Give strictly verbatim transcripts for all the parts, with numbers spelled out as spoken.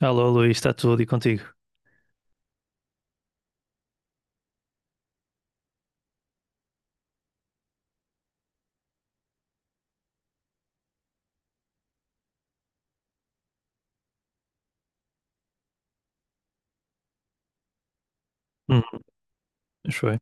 Alô, Luís, está tudo e contigo? Hum, acho eu.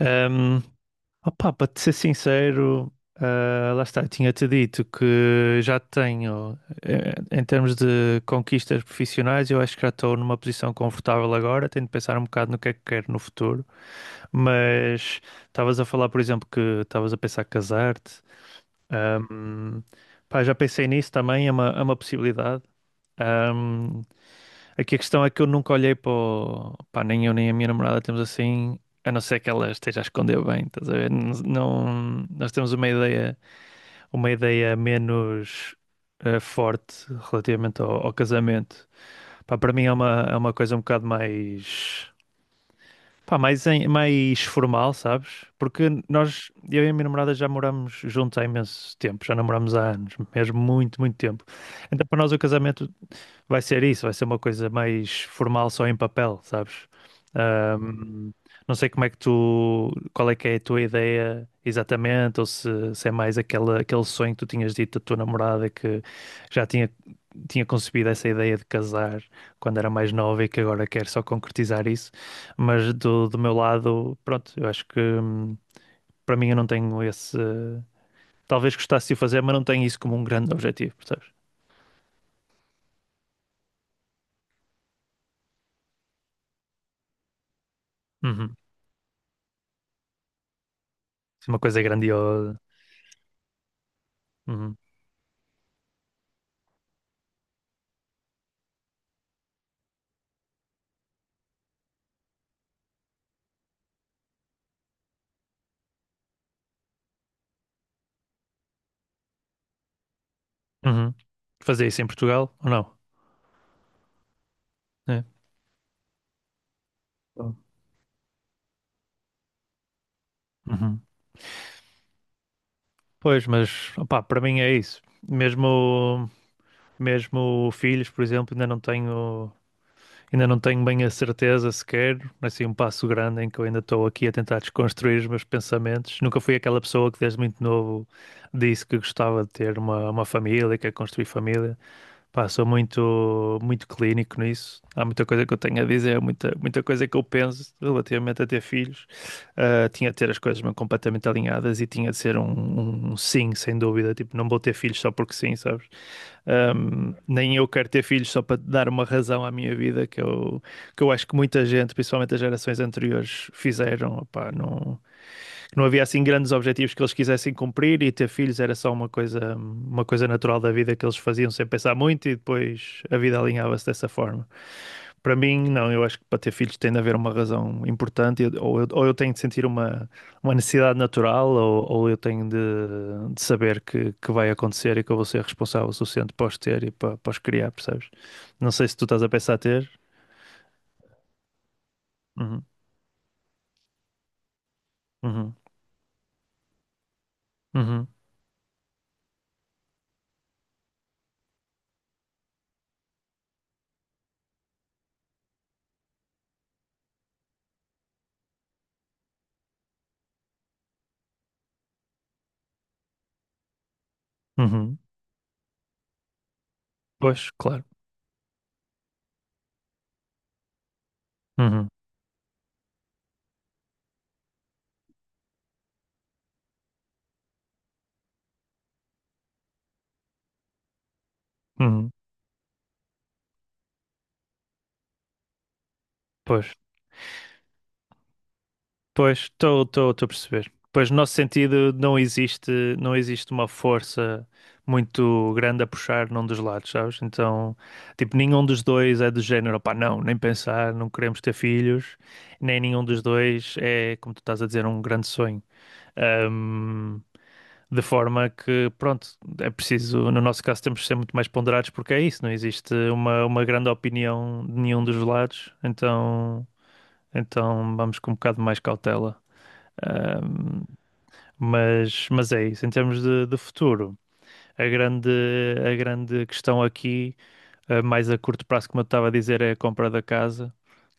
Um, opá, para te ser sincero, ah, lá está, tinha-te dito que já tenho, eh, em termos de conquistas profissionais, eu acho que já estou numa posição confortável agora, tenho de pensar um bocado no que é que quero no futuro, mas estavas a falar, por exemplo, que estavas a pensar casar-te. Um, pá, já pensei nisso também, é uma, é uma possibilidade. Aqui a questão é que eu nunca olhei para o... Pá, nem eu nem a minha namorada temos assim, a não ser que ela esteja a esconder bem, estás a ver? Não, não- nós temos uma ideia, uma ideia menos eh, forte relativamente ao, ao casamento. Pá, para mim é uma, é uma coisa um bocado mais, pá, mais, em- mais formal, sabes? Porque nós, eu e a minha namorada já moramos juntos há imenso tempo, já namoramos há anos, mesmo muito, muito tempo. Então para nós o casamento vai ser isso, vai ser uma coisa mais formal só em papel, sabes? Ahm, não sei como é que tu, qual é que é a tua ideia exatamente, ou se, se é mais aquele aquele sonho que tu tinhas dito da tua namorada que já tinha, tinha concebido essa ideia de casar quando era mais nova e que agora quer só concretizar isso. Mas do, do meu lado, pronto, eu acho que hum, para mim eu não tenho esse. Talvez gostasse de o fazer, mas não tenho isso como um grande objetivo, percebes? Uhum. Uma coisa é grandiosa. Uhum. Uhum. Fazer isso em Portugal ou não? É. Então. Uhum. Pois, mas opá, para mim é isso. Mesmo, mesmo filhos, por exemplo, ainda não tenho, ainda não tenho bem a certeza sequer, assim, um passo grande em que eu ainda estou aqui a tentar desconstruir os meus pensamentos. Nunca fui aquela pessoa que desde muito novo disse que gostava de ter uma, uma família, que quer construir família. Pá, sou muito, muito clínico nisso. Há muita coisa que eu tenho a dizer, muita, muita coisa que eu penso relativamente a ter filhos. Ah, tinha de ter as coisas mesmo completamente alinhadas e tinha de ser um, um um sim, sem dúvida. Tipo, não vou ter filhos só porque sim, sabes? Ahm, nem eu quero ter filhos só para dar uma razão à minha vida, que eu, que eu acho que muita gente, principalmente as gerações anteriores, fizeram. Opá, não que não havia assim grandes objetivos que eles quisessem cumprir e ter filhos era só uma coisa, uma coisa natural da vida que eles faziam sem pensar muito e depois a vida alinhava-se dessa forma. Para mim, não, eu acho que para ter filhos tem de haver uma razão importante e- ou eu, ou eu tenho de sentir uma, uma necessidade natural ou, ou eu tenho de, de saber que, que vai acontecer e que eu vou ser responsável o suficiente para os ter e para, para os criar, percebes? Não sei se tu estás a pensar ter. Uhum, uhum, uhum, uhum. Pois, claro. Uhum, uhum. Pois. Pois, estou a perceber. Pois, no nosso sentido, não existe, não existe uma força muito grande a puxar num dos lados, sabes? Então, tipo, nenhum dos dois é do género, pá, não, nem pensar, não queremos ter filhos, nem nenhum dos dois é, como tu estás a dizer, um grande sonho. Ahm, de forma que, pronto, é preciso, no nosso caso, temos de ser muito mais ponderados porque é isso, não existe uma, uma grande opinião de nenhum dos lados, então, então vamos com um bocado mais cautela. Ahm, mas, mas é isso, em termos de, de futuro, a grande, a grande questão aqui, eh, mais a curto prazo, como eu estava a dizer, é a compra da casa,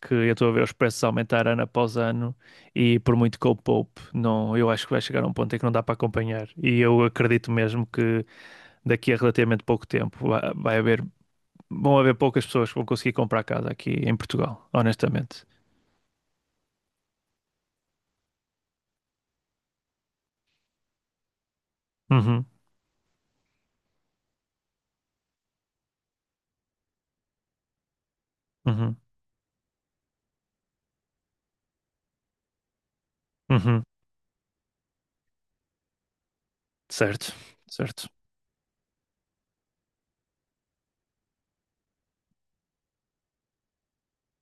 que eu estou a ver os preços aumentar ano após ano e por muito que eu poupe, não, eu acho que vai chegar a um ponto em que não dá para acompanhar. E eu acredito mesmo que daqui a relativamente pouco tempo vai, vai haver, vão haver poucas pessoas que vão conseguir comprar casa aqui em Portugal, honestamente. Uhum, uhum, uhum. Certo, certo.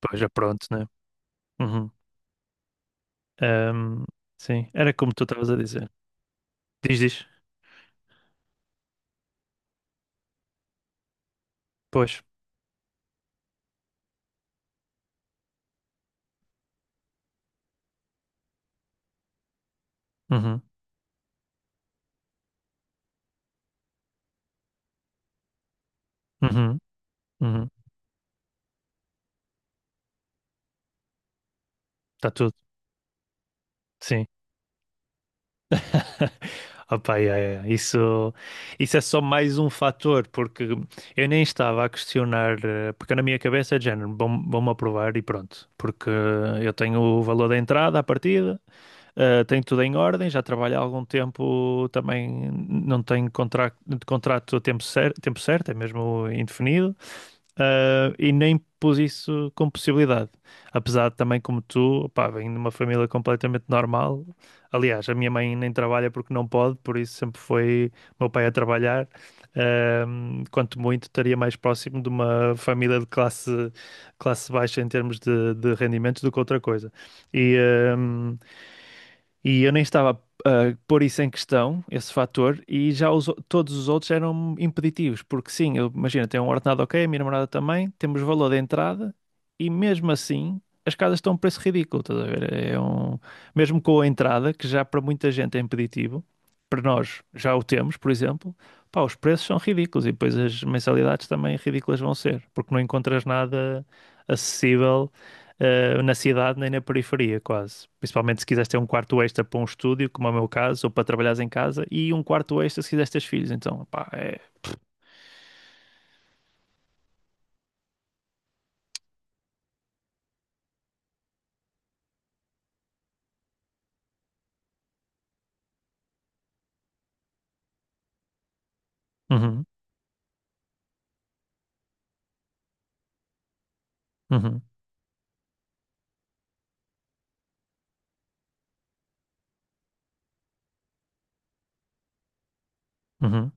Pois é, pronto, né? Uhum. Ahm, sim, era como tu estavas a dizer. Diz, diz. Pois. Uhum, uhum, uhum. Está tudo. Sim. Opa, yeah, yeah, yeah. Isso, isso é só mais um fator, porque eu nem estava a questionar, eh, porque na minha cabeça é de género, vão- vão-me aprovar e pronto, porque eu tenho o valor da entrada à partida, Uh, tem tudo em ordem, já trabalha há algum tempo, também não tem contra- contrato a tempo, cer- tempo certo, é mesmo indefinido, uh, e nem pus isso como possibilidade. Apesar de também, como tu, pá, venho de uma família completamente normal. Aliás, a minha mãe nem trabalha porque não pode, por isso sempre foi meu pai a trabalhar. Um, quanto muito, estaria mais próximo de uma família de classe, classe baixa em termos de, de rendimentos do que outra coisa. E, um, e eu nem estava ah, a pôr isso em questão, esse fator, e já os o- todos os outros eram impeditivos, porque sim, eu, imagina, tenho um ordenado ok, a minha namorada também, temos valor de entrada, e mesmo assim as casas estão a um preço ridículo, estás a ver? É um, mesmo com a entrada, que já para muita gente é impeditivo, para nós já o temos, por exemplo, pá, os preços são ridículos e depois as mensalidades também ridículas vão ser, porque não encontras nada acessível eh, na cidade nem na periferia, quase. Principalmente se quiseres ter um quarto extra para um estúdio, como é o meu caso, ou para trabalhares em casa, e um quarto extra se quiseres ter filhos. Então, pá, é. Uhum, uhum, uhum.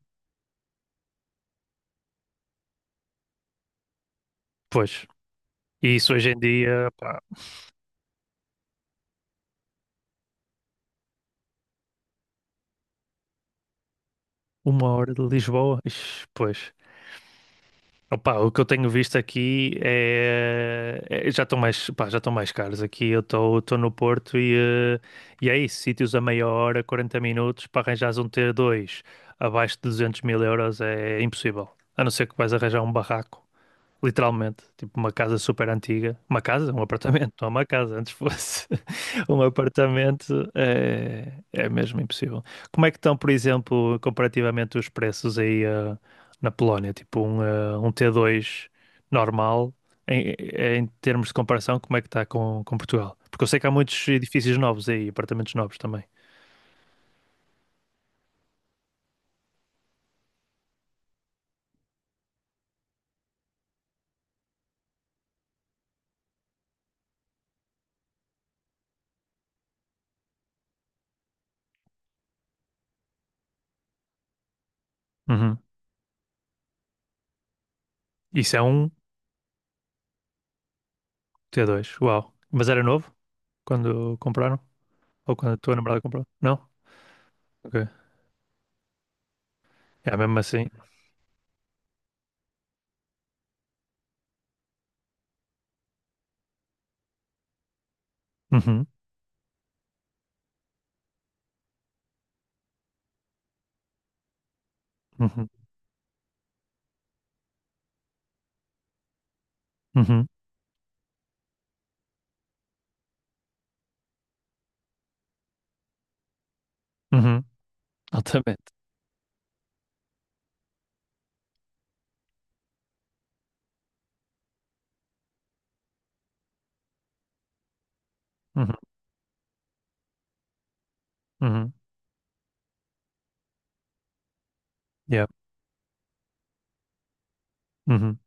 Pois. E isso hoje em dia, pá, uma hora de Lisboa, ixi, pois. Opa, o que eu tenho visto aqui é, é- já estão mais, pá, já estão mais caros aqui. Eu estou no Porto e, eh, e é isso, sítios a meia hora, quarenta minutos, para arranjares um t dois abaixo de duzentos mil euros é impossível. A não ser que vais arranjar um barraco. Literalmente, tipo uma casa super antiga. Uma casa? Um apartamento, não é uma casa, antes fosse um apartamento, é, é mesmo impossível. Como é que estão, por exemplo, comparativamente os preços aí ah, na Polónia? Tipo um, ah, um tê dois normal, em, eh, em termos de comparação, como é que está com, com Portugal? Porque eu sei que há muitos edifícios novos aí, apartamentos novos também. Uhum. Isso é um T dois, uau. Mas era novo quando compraram? Ou quando a tua namorada comprou? Não? Ok. É mesmo assim. Uhum, uhum, uhum, uhum. Altamente. Uhum, uhum, yeah, uhum.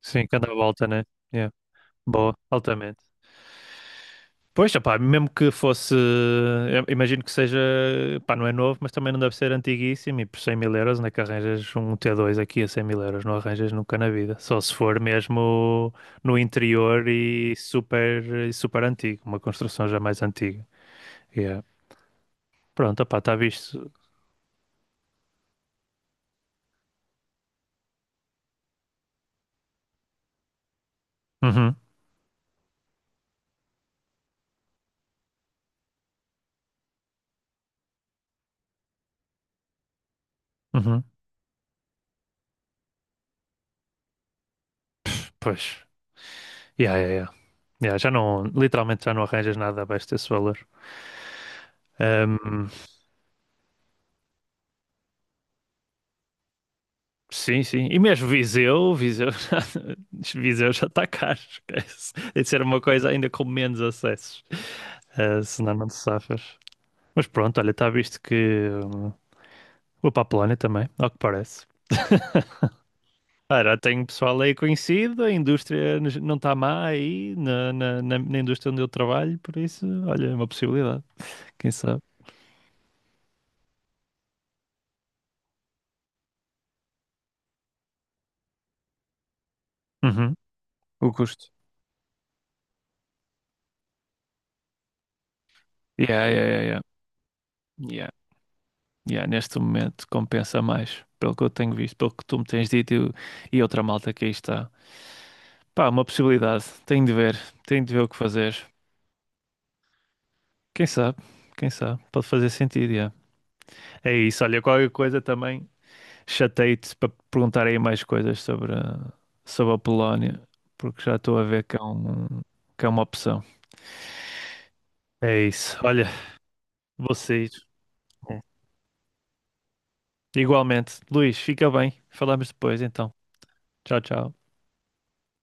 Sim, cada volta, né? Yeah. Boa, altamente. Pois, opá, mesmo que fosse, eu imagino que seja, pá, não é novo, mas também não deve ser antiguíssimo e por cem mil euros onde é que arranjas um t dois aqui a cem mil euros? Não arranjas nunca na vida, só se for mesmo no interior e super, e super antigo, uma construção já mais antiga. Yeah. Pronto, opá, está visto. Uhum, uhum. Pois. Yeah, yeah, yeah. Yeah, já não, literalmente já não arranjas nada abaixo desse valor. Ahm, sim, sim. E mesmo Viseu, Viseu já, Viseu já está caro, esquece. Tem de ser uma coisa ainda com menos acessos. Ah, senão não te safas. Mas pronto, olha, está visto que hum, vou para a Polónia também, ao que parece. Ah, já tenho pessoal aí conhecido, a indústria n- não está má aí, na, na, na, na indústria onde eu trabalho, por isso, olha, é uma possibilidade, quem sabe. Uhum. O custo. Yeah, yeah, yeah, yeah. Yeah, yeah, neste momento compensa mais, pelo que eu tenho visto, pelo que tu me tens dito e, o- e outra malta que aí está. Pá, uma possibilidade. Tenho de ver, tenho de ver o que fazer. Quem sabe, quem sabe, pode fazer sentido, yeah. É isso, olha, qualquer coisa também chatei-te para perguntar aí mais coisas sobre a, sobre a Polónia, porque já estou a ver que é um, que é uma opção. É isso, olha, vou sair. É. Igualmente. Luís, fica bem. Falamos depois então. Tchau, tchau.